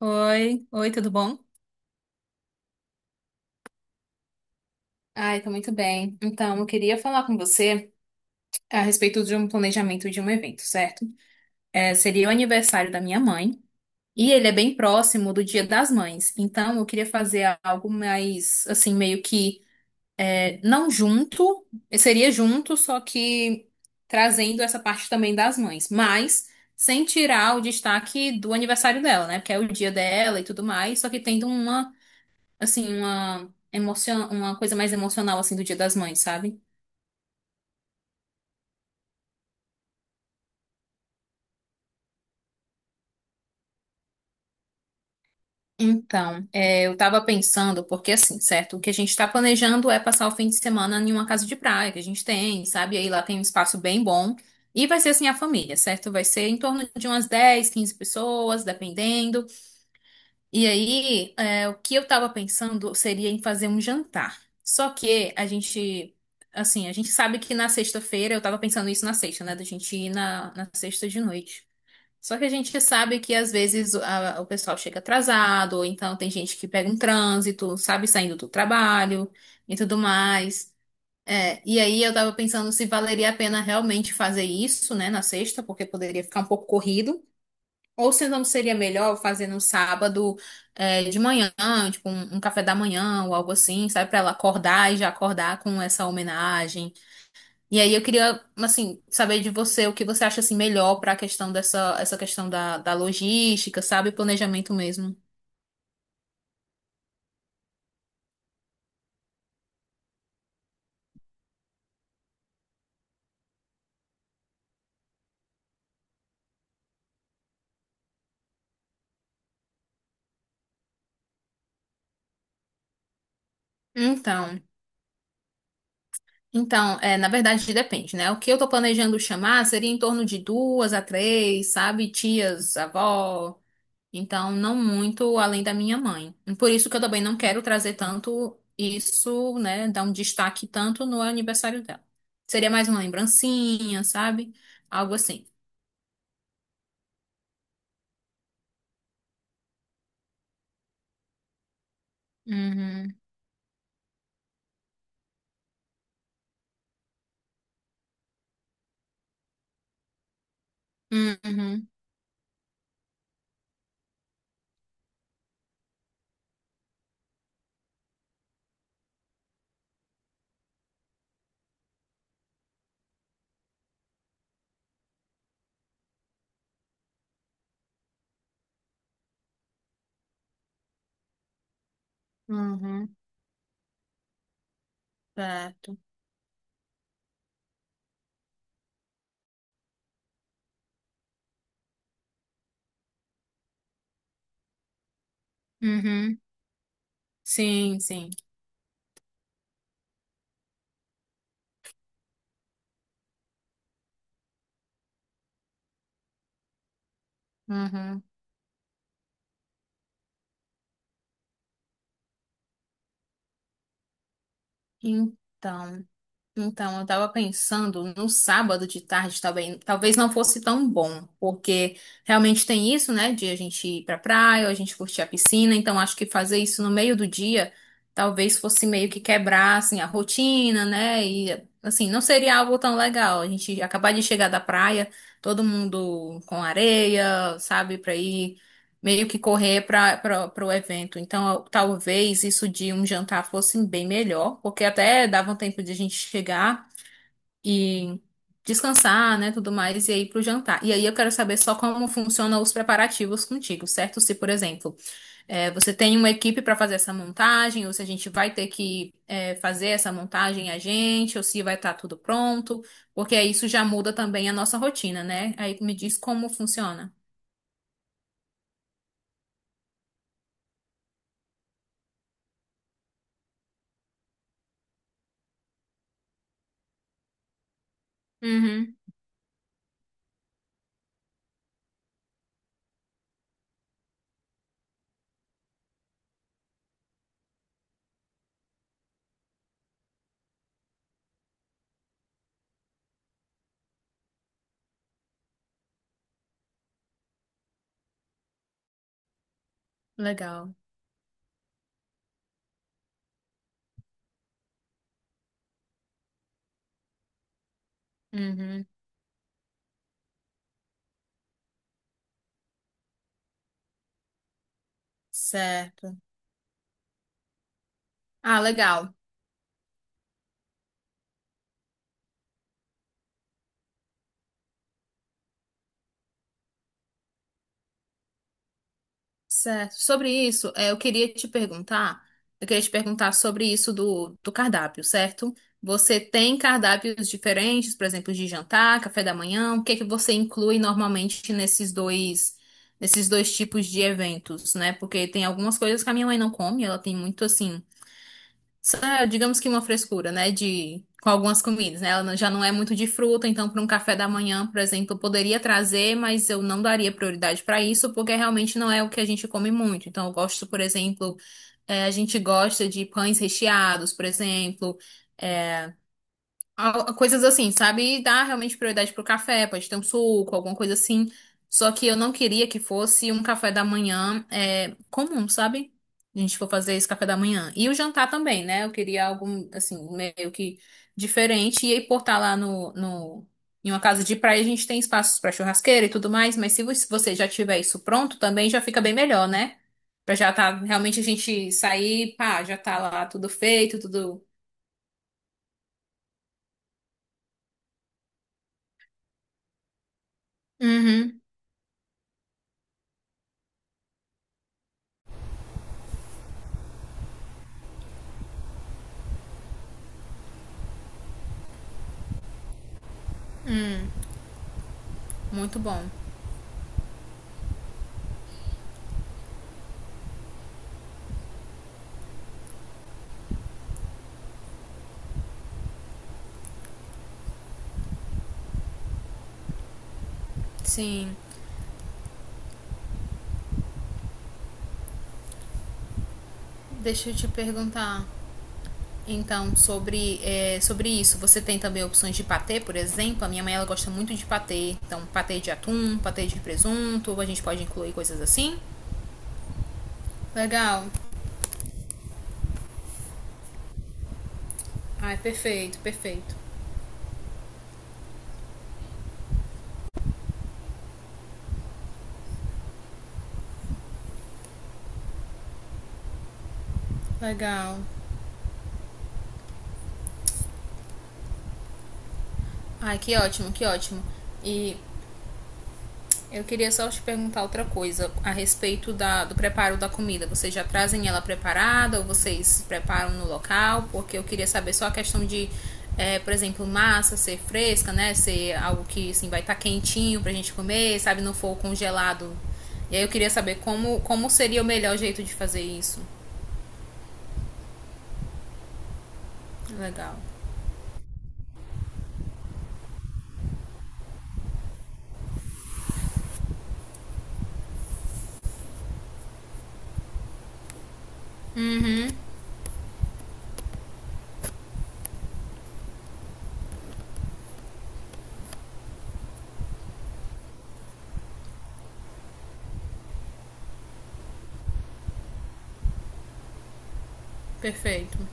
Oi, oi, tudo bom? Ai, tá muito bem. Então, eu queria falar com você a respeito de um planejamento de um evento, certo? É, seria o aniversário da minha mãe e ele é bem próximo do Dia das Mães. Então, eu queria fazer algo mais, assim, meio que não junto, seria junto, só que trazendo essa parte também das mães, mas sem tirar o destaque do aniversário dela, né? Porque é o dia dela e tudo mais, só que tendo uma assim, uma uma coisa mais emocional, assim, do Dia das Mães, sabe? Então, é, eu tava pensando, porque assim, certo? O que a gente tá planejando é passar o fim de semana em uma casa de praia que a gente tem, sabe? Aí lá tem um espaço bem bom. E vai ser assim a família, certo? Vai ser em torno de umas 10, 15 pessoas, dependendo. E aí, é, o que eu tava pensando seria em fazer um jantar. Só que a gente, assim, a gente sabe que na sexta-feira, eu tava pensando isso na sexta, né? Da gente ir na sexta de noite. Só que a gente sabe que às vezes o pessoal chega atrasado, ou então tem gente que pega um trânsito, sabe, saindo do trabalho e tudo mais. É, e aí eu tava pensando se valeria a pena realmente fazer isso, né, na sexta, porque poderia ficar um pouco corrido, ou se não seria melhor fazer no sábado, é, de manhã, tipo um café da manhã ou algo assim, sabe, pra ela acordar e já acordar com essa homenagem. E aí eu queria, assim, saber de você o que você acha assim melhor para a questão dessa essa questão da logística, sabe, planejamento mesmo. Então, então, é, na verdade depende, né? O que eu tô planejando chamar seria em torno de duas a três, sabe, tias, avó. Então, não muito além da minha mãe. Por isso que eu também não quero trazer tanto isso, né, dar um destaque tanto no aniversário dela. Seria mais uma lembrancinha, sabe? Algo assim. Uhum. Uhum. Uhum, certo. Uhum, sim, sim. Uhum. Então, então eu estava pensando no sábado de tarde também, talvez não fosse tão bom, porque realmente tem isso, né, de a gente ir pra praia, ou a gente curtir a piscina, então acho que fazer isso no meio do dia talvez fosse meio que quebrar assim a rotina, né? E assim, não seria algo tão legal. A gente acabar de chegar da praia, todo mundo com areia, sabe, pra ir meio que correr para o evento. Então, talvez isso de um jantar fosse bem melhor, porque até dava um tempo de a gente chegar e descansar, né, tudo mais, e aí para o jantar. E aí eu quero saber só como funcionam os preparativos contigo, certo? Se, por exemplo, você tem uma equipe para fazer essa montagem, ou se a gente vai ter que fazer essa montagem a gente, ou se vai estar tudo pronto, porque aí isso já muda também a nossa rotina, né? Aí me diz como funciona. Uhum. Legal. Uhum. Certo. Ah, legal. Certo. Sobre isso, eu queria te perguntar, eu queria te perguntar sobre isso do cardápio, certo? Você tem cardápios diferentes, por exemplo, de jantar, café da manhã, o que é que você inclui normalmente nesses dois tipos de eventos, né? Porque tem algumas coisas que a minha mãe não come, ela tem muito assim. Só, digamos que uma frescura, né, de com algumas comidas, né? Ela já não é muito de fruta, então para um café da manhã, por exemplo, eu poderia trazer, mas eu não daria prioridade para isso, porque realmente não é o que a gente come muito. Então eu gosto, por exemplo, a gente gosta de pães recheados, por exemplo, eh, coisas assim, sabe? E dar realmente prioridade pro café, pode ter um suco, alguma coisa assim. Só que eu não queria que fosse um café da manhã é, comum, sabe? A gente for fazer esse café da manhã. E o jantar também, né? Eu queria algo, assim, meio que diferente. E aí, por estar lá no, no, em uma casa de praia, a gente tem espaços para churrasqueira e tudo mais. Mas se você já tiver isso pronto, também já fica bem melhor, né? Pra já tá, realmente a gente sair, pá, já tá lá tudo feito, tudo. Uhum, muito bom. Sim, deixa eu te perguntar. Então, sobre, é, sobre isso, você tem também opções de patê, por exemplo? A minha mãe ela gosta muito de patê. Então, patê de atum, patê de presunto, a gente pode incluir coisas assim. Legal. Ai, perfeito, perfeito. Legal. Ai, que ótimo, que ótimo. E eu queria só te perguntar outra coisa a respeito da, do preparo da comida. Vocês já trazem ela preparada ou vocês preparam no local? Porque eu queria saber só a questão de, é, por exemplo, massa ser fresca, né? Ser algo que assim, vai estar quentinho pra gente comer, sabe? Não for congelado. E aí eu queria saber como, como seria o melhor jeito de fazer isso. Legal. Perfeito.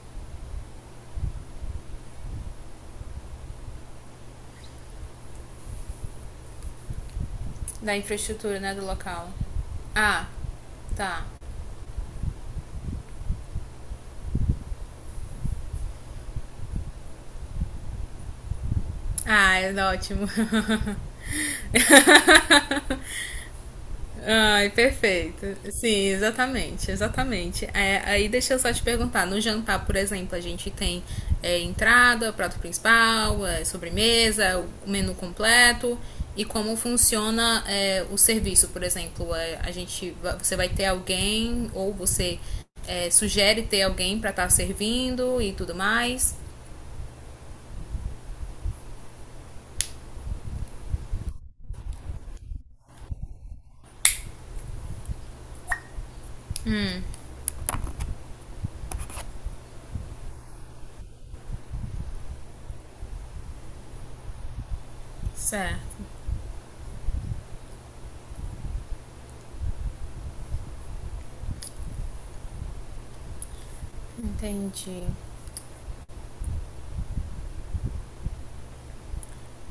Da infraestrutura, né? Do local. Ah, tá. Ah, é ótimo. Ai, perfeito. Sim, exatamente, exatamente. É, aí deixa eu só te perguntar, no jantar, por exemplo, a gente tem é, entrada, prato principal, é, sobremesa, o menu completo e como funciona é, o serviço, por exemplo, é, a gente, você vai ter alguém ou você é, sugere ter alguém para estar servindo e tudo mais. Certo. Entendi.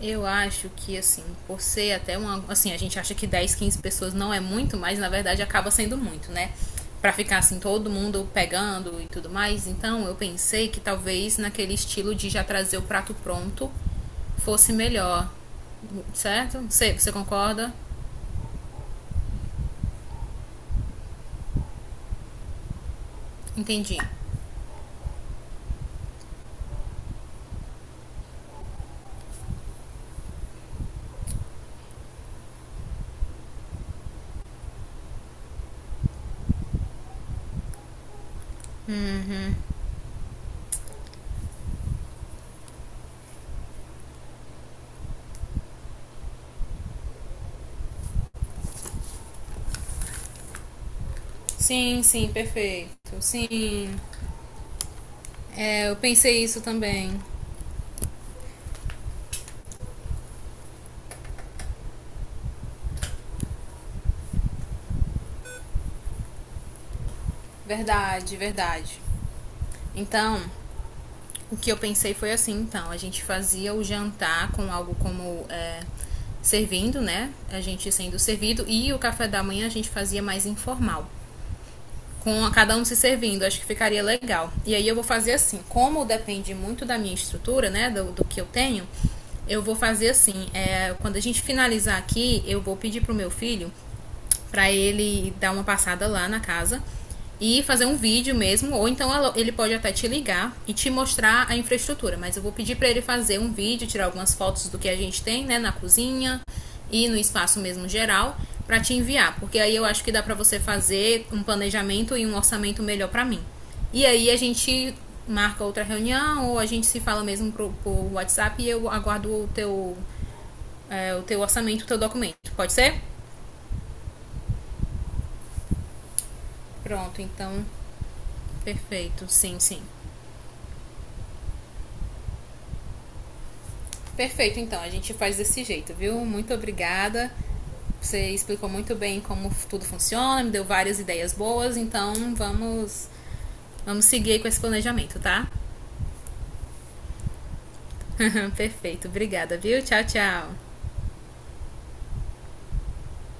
Eu acho que, assim, por ser até uma. Assim, a gente acha que 10, 15 pessoas não é muito, mas na verdade acaba sendo muito, né? Pra ficar assim, todo mundo pegando e tudo mais. Então, eu pensei que talvez naquele estilo de já trazer o prato pronto fosse melhor. Certo? Você concorda? Entendi. Sim, sim, perfeito. Sim. É, eu pensei isso também. Verdade, verdade. Então, o que eu pensei foi assim, então, a gente fazia o jantar com algo como é, servindo, né? A gente sendo servido e o café da manhã a gente fazia mais informal com cada um se servindo, acho que ficaria legal. E aí eu vou fazer assim, como depende muito da minha estrutura, né, do que eu tenho, eu vou fazer assim, é, quando a gente finalizar aqui, eu vou pedir pro meu filho para ele dar uma passada lá na casa e fazer um vídeo mesmo, ou então ele pode até te ligar e te mostrar a infraestrutura, mas eu vou pedir para ele fazer um vídeo, tirar algumas fotos do que a gente tem, né, na cozinha, e no espaço mesmo geral para te enviar, porque aí eu acho que dá para você fazer um planejamento e um orçamento melhor para mim. E aí a gente marca outra reunião ou a gente se fala mesmo por WhatsApp e eu aguardo o teu, é, o teu orçamento, o teu documento. Pode ser? Pronto, então, perfeito. Sim, sim. Perfeito, então, a gente faz desse jeito, viu? Muito obrigada. Você explicou muito bem como tudo funciona, me deu várias ideias boas, então vamos seguir aí com esse planejamento, tá? Perfeito, obrigada, viu? Tchau, tchau.